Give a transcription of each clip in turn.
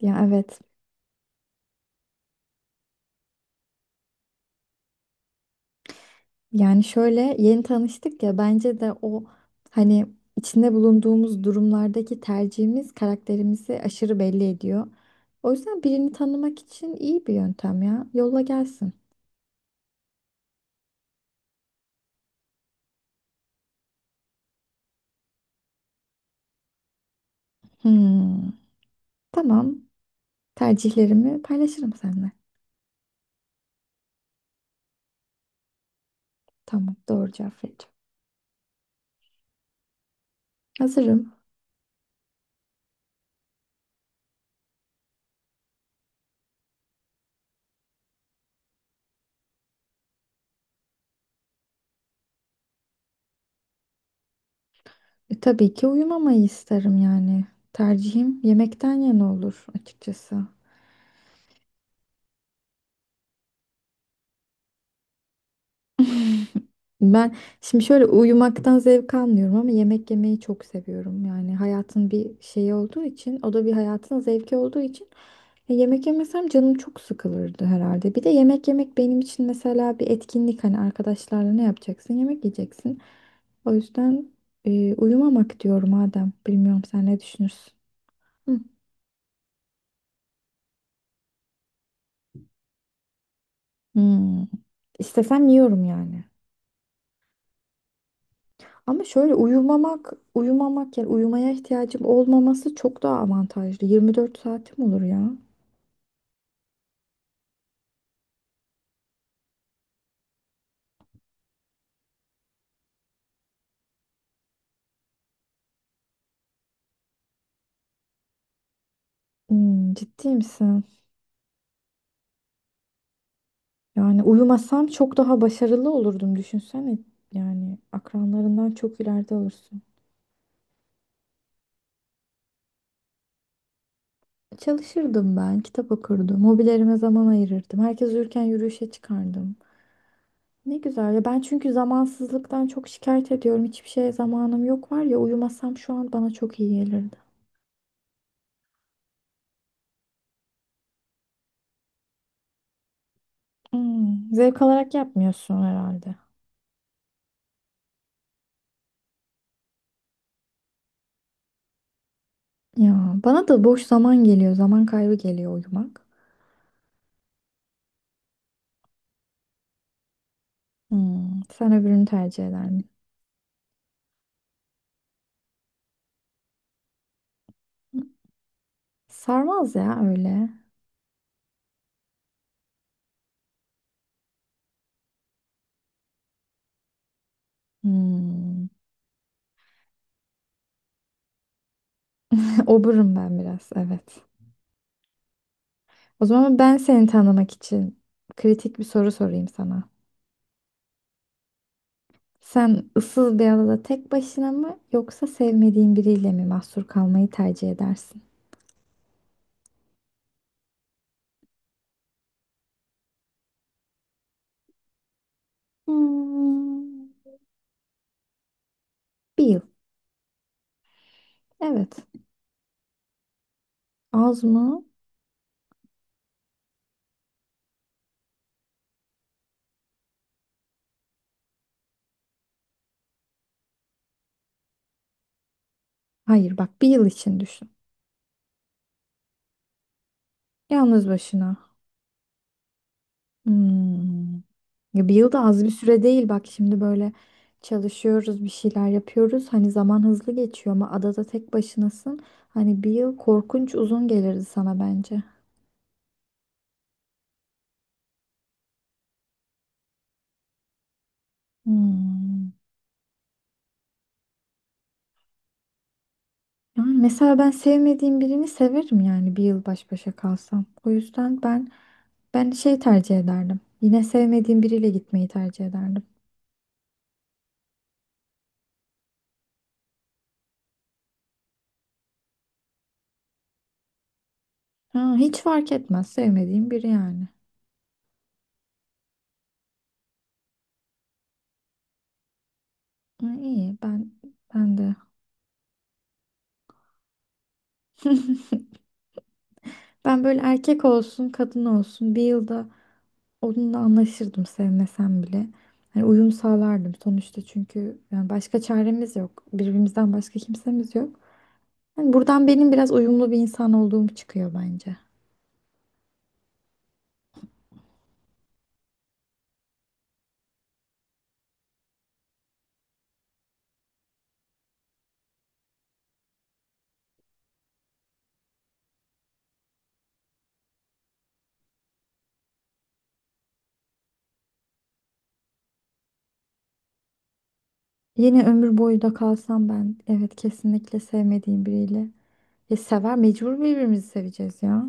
Ya evet. Yani şöyle yeni tanıştık ya bence de o hani içinde bulunduğumuz durumlardaki tercihimiz karakterimizi aşırı belli ediyor. O yüzden birini tanımak için iyi bir yöntem ya. Yolla gelsin. Hmm. Tamam. Tercihlerimi paylaşırım seninle. Tamam. Doğru cevap vereceğim. Hazırım. Tabii ki uyumamayı isterim yani. Tercihim yemekten yana olur açıkçası. Ben şimdi şöyle uyumaktan zevk almıyorum ama yemek yemeyi çok seviyorum. Yani hayatın bir şeyi olduğu için, o da bir hayatın zevki olduğu için yemek yemesem canım çok sıkılırdı herhalde. Bir de yemek yemek benim için mesela bir etkinlik, hani arkadaşlarla ne yapacaksın? Yemek yiyeceksin. O yüzden uyumamak diyorum Adem. Bilmiyorum, sen ne düşünürsün? Hı. Hmm. İstesem yiyorum yani. Ama şöyle uyumamak yani uyumaya ihtiyacım olmaması çok daha avantajlı. 24 saatim olur ya. Ciddi misin? Yani uyumasam çok daha başarılı olurdum, düşünsene. Yani akranlarından çok ileride olursun. Çalışırdım ben, kitap okurdum, hobilerime zaman ayırırdım. Herkes uyurken yürüyüşe çıkardım. Ne güzel ya, ben çünkü zamansızlıktan çok şikayet ediyorum. Hiçbir şeye zamanım yok, var ya, uyumasam şu an bana çok iyi gelirdi. Hmm, zevk alarak yapmıyorsun herhalde. Ya bana da boş zaman geliyor. Zaman kaybı geliyor uyumak. Sen öbürünü tercih eder misin? Sarmaz ya öyle. Hmm. Oburum ben biraz, evet. O zaman ben seni tanımak için kritik bir soru sorayım sana. Sen ıssız bir adada tek başına mı yoksa sevmediğin biriyle mi mahsur kalmayı tercih edersin? Hmm. Bir yıl. Evet. Az mı? Hayır, bak, bir yıl için düşün. Yalnız başına. Hmm. Ya bir yıl da az bir süre değil, bak şimdi, böyle çalışıyoruz, bir şeyler yapıyoruz, hani zaman hızlı geçiyor, ama adada tek başınasın, hani bir yıl korkunç uzun gelirdi sana bence. Hmm. Yani mesela ben sevmediğim birini severim yani, bir yıl baş başa kalsam. O yüzden ben şey tercih ederdim. Yine sevmediğim biriyle gitmeyi tercih ederdim. Ha, hiç fark etmez, sevmediğim biri yani. Ha, iyi, ben de. Ben böyle, erkek olsun, kadın olsun, bir yılda onunla anlaşırdım sevmesem bile. Hani uyum sağlardım sonuçta, çünkü yani başka çaremiz yok. Birbirimizden başka kimsemiz yok. Yani buradan benim biraz uyumlu bir insan olduğum çıkıyor bence. Yine ömür boyu da kalsam ben, evet, kesinlikle sevmediğim biriyle. Ya sever, mecbur birbirimizi seveceğiz ya.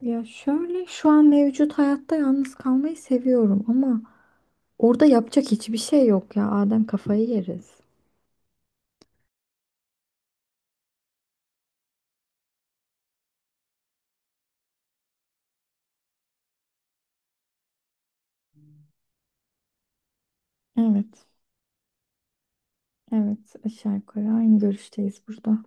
Ya şöyle, şu an mevcut hayatta yalnız kalmayı seviyorum ama orada yapacak hiçbir şey yok ya. Adem, kafayı yeriz. Evet. Evet, aşağı yukarı aynı görüşteyiz burada.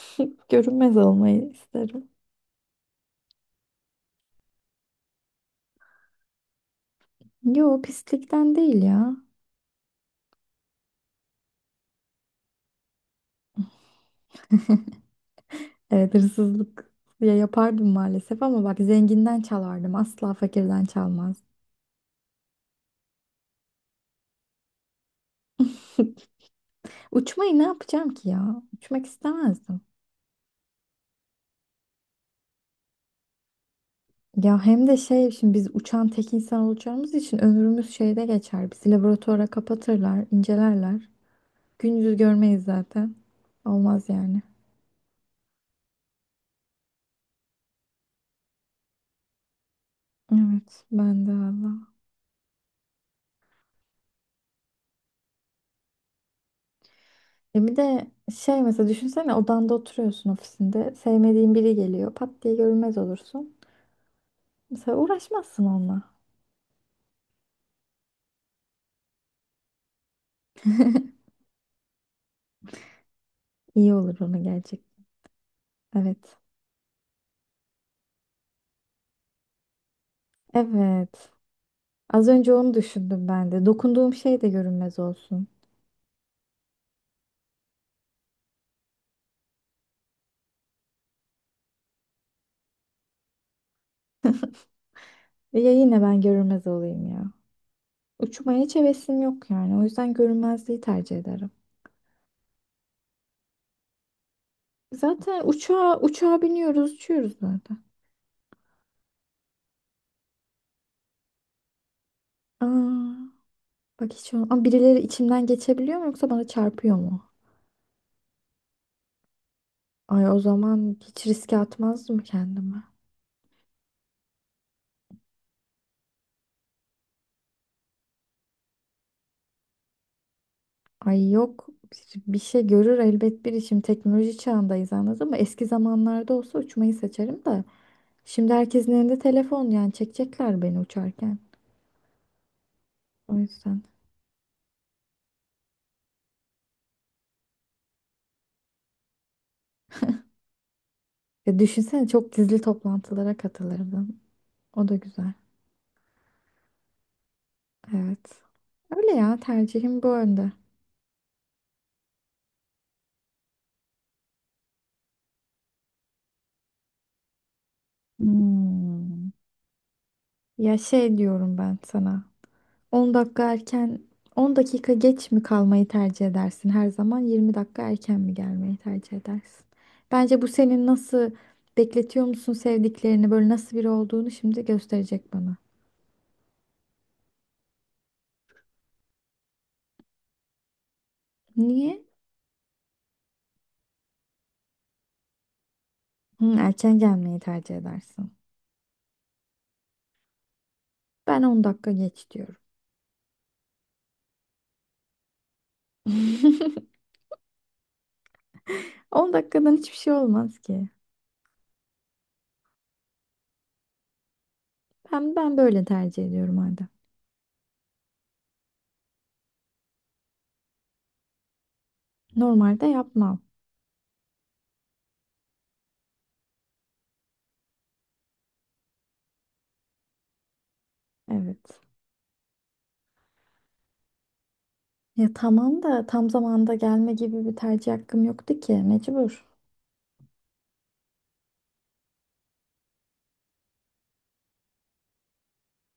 Görünmez olmayı isterim. Yo, pislikten değil ya. Evet, hırsızlık ya yapardım maalesef, ama bak, zenginden çalardım. Asla fakirden çalmaz. Uçmayı ne yapacağım ki ya? Uçmak istemezdim. Ya hem de şey, şimdi biz uçan tek insan olacağımız için ömrümüz şeyde geçer. Bizi laboratuvara kapatırlar, incelerler. Gündüz görmeyiz zaten. Olmaz yani. Evet, ben de valla. Bir de şey, mesela düşünsene, odanda oturuyorsun, ofisinde. Sevmediğin biri geliyor. Pat diye görünmez olursun. Mesela uğraşmazsın onunla. İyi olur, ona gelecek. Evet. Evet. Az önce onu düşündüm ben de. Dokunduğum şey de görünmez olsun. Ya, yine ben görünmez olayım ya. Uçmaya hiç hevesim yok yani. O yüzden görünmezliği tercih ederim. Zaten uçağa biniyoruz, uçuyoruz zaten. Aa, bak hiç ama birileri içimden geçebiliyor mu yoksa bana çarpıyor mu? Ay, o zaman hiç riske atmazdım kendimi. Ay yok, bir şey görür elbet biri. Şimdi teknoloji çağındayız, anladın mı? Eski zamanlarda olsa uçmayı seçerim de. Şimdi herkesin elinde telefon, yani çekecekler beni uçarken. O yüzden. Ya düşünsene, çok gizli toplantılara katılırdım. O da güzel. Evet. Öyle ya, tercihim bu yönde. Hmm. Ya şey, diyorum ben sana. 10 dakika erken, 10 dakika geç mi kalmayı tercih edersin her zaman, 20 dakika erken mi gelmeyi tercih edersin? Bence bu senin nasıl, bekletiyor musun sevdiklerini, böyle nasıl biri olduğunu şimdi gösterecek bana. Niye? Hı, erken gelmeyi tercih edersin. Ben 10 dakika geç diyorum. 10 dakikadan hiçbir şey olmaz ki. Ben böyle tercih ediyorum madem. Normalde yapmam. Evet. Ya tamam da tam zamanda gelme gibi bir tercih hakkım yoktu ki, mecbur.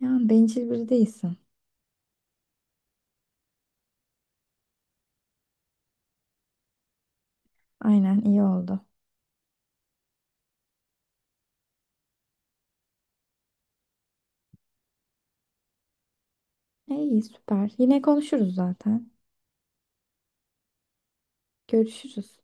Ya bencil biri değilsin. Aynen, iyi oldu. İyi, süper. Yine konuşuruz zaten. Görüşürüz.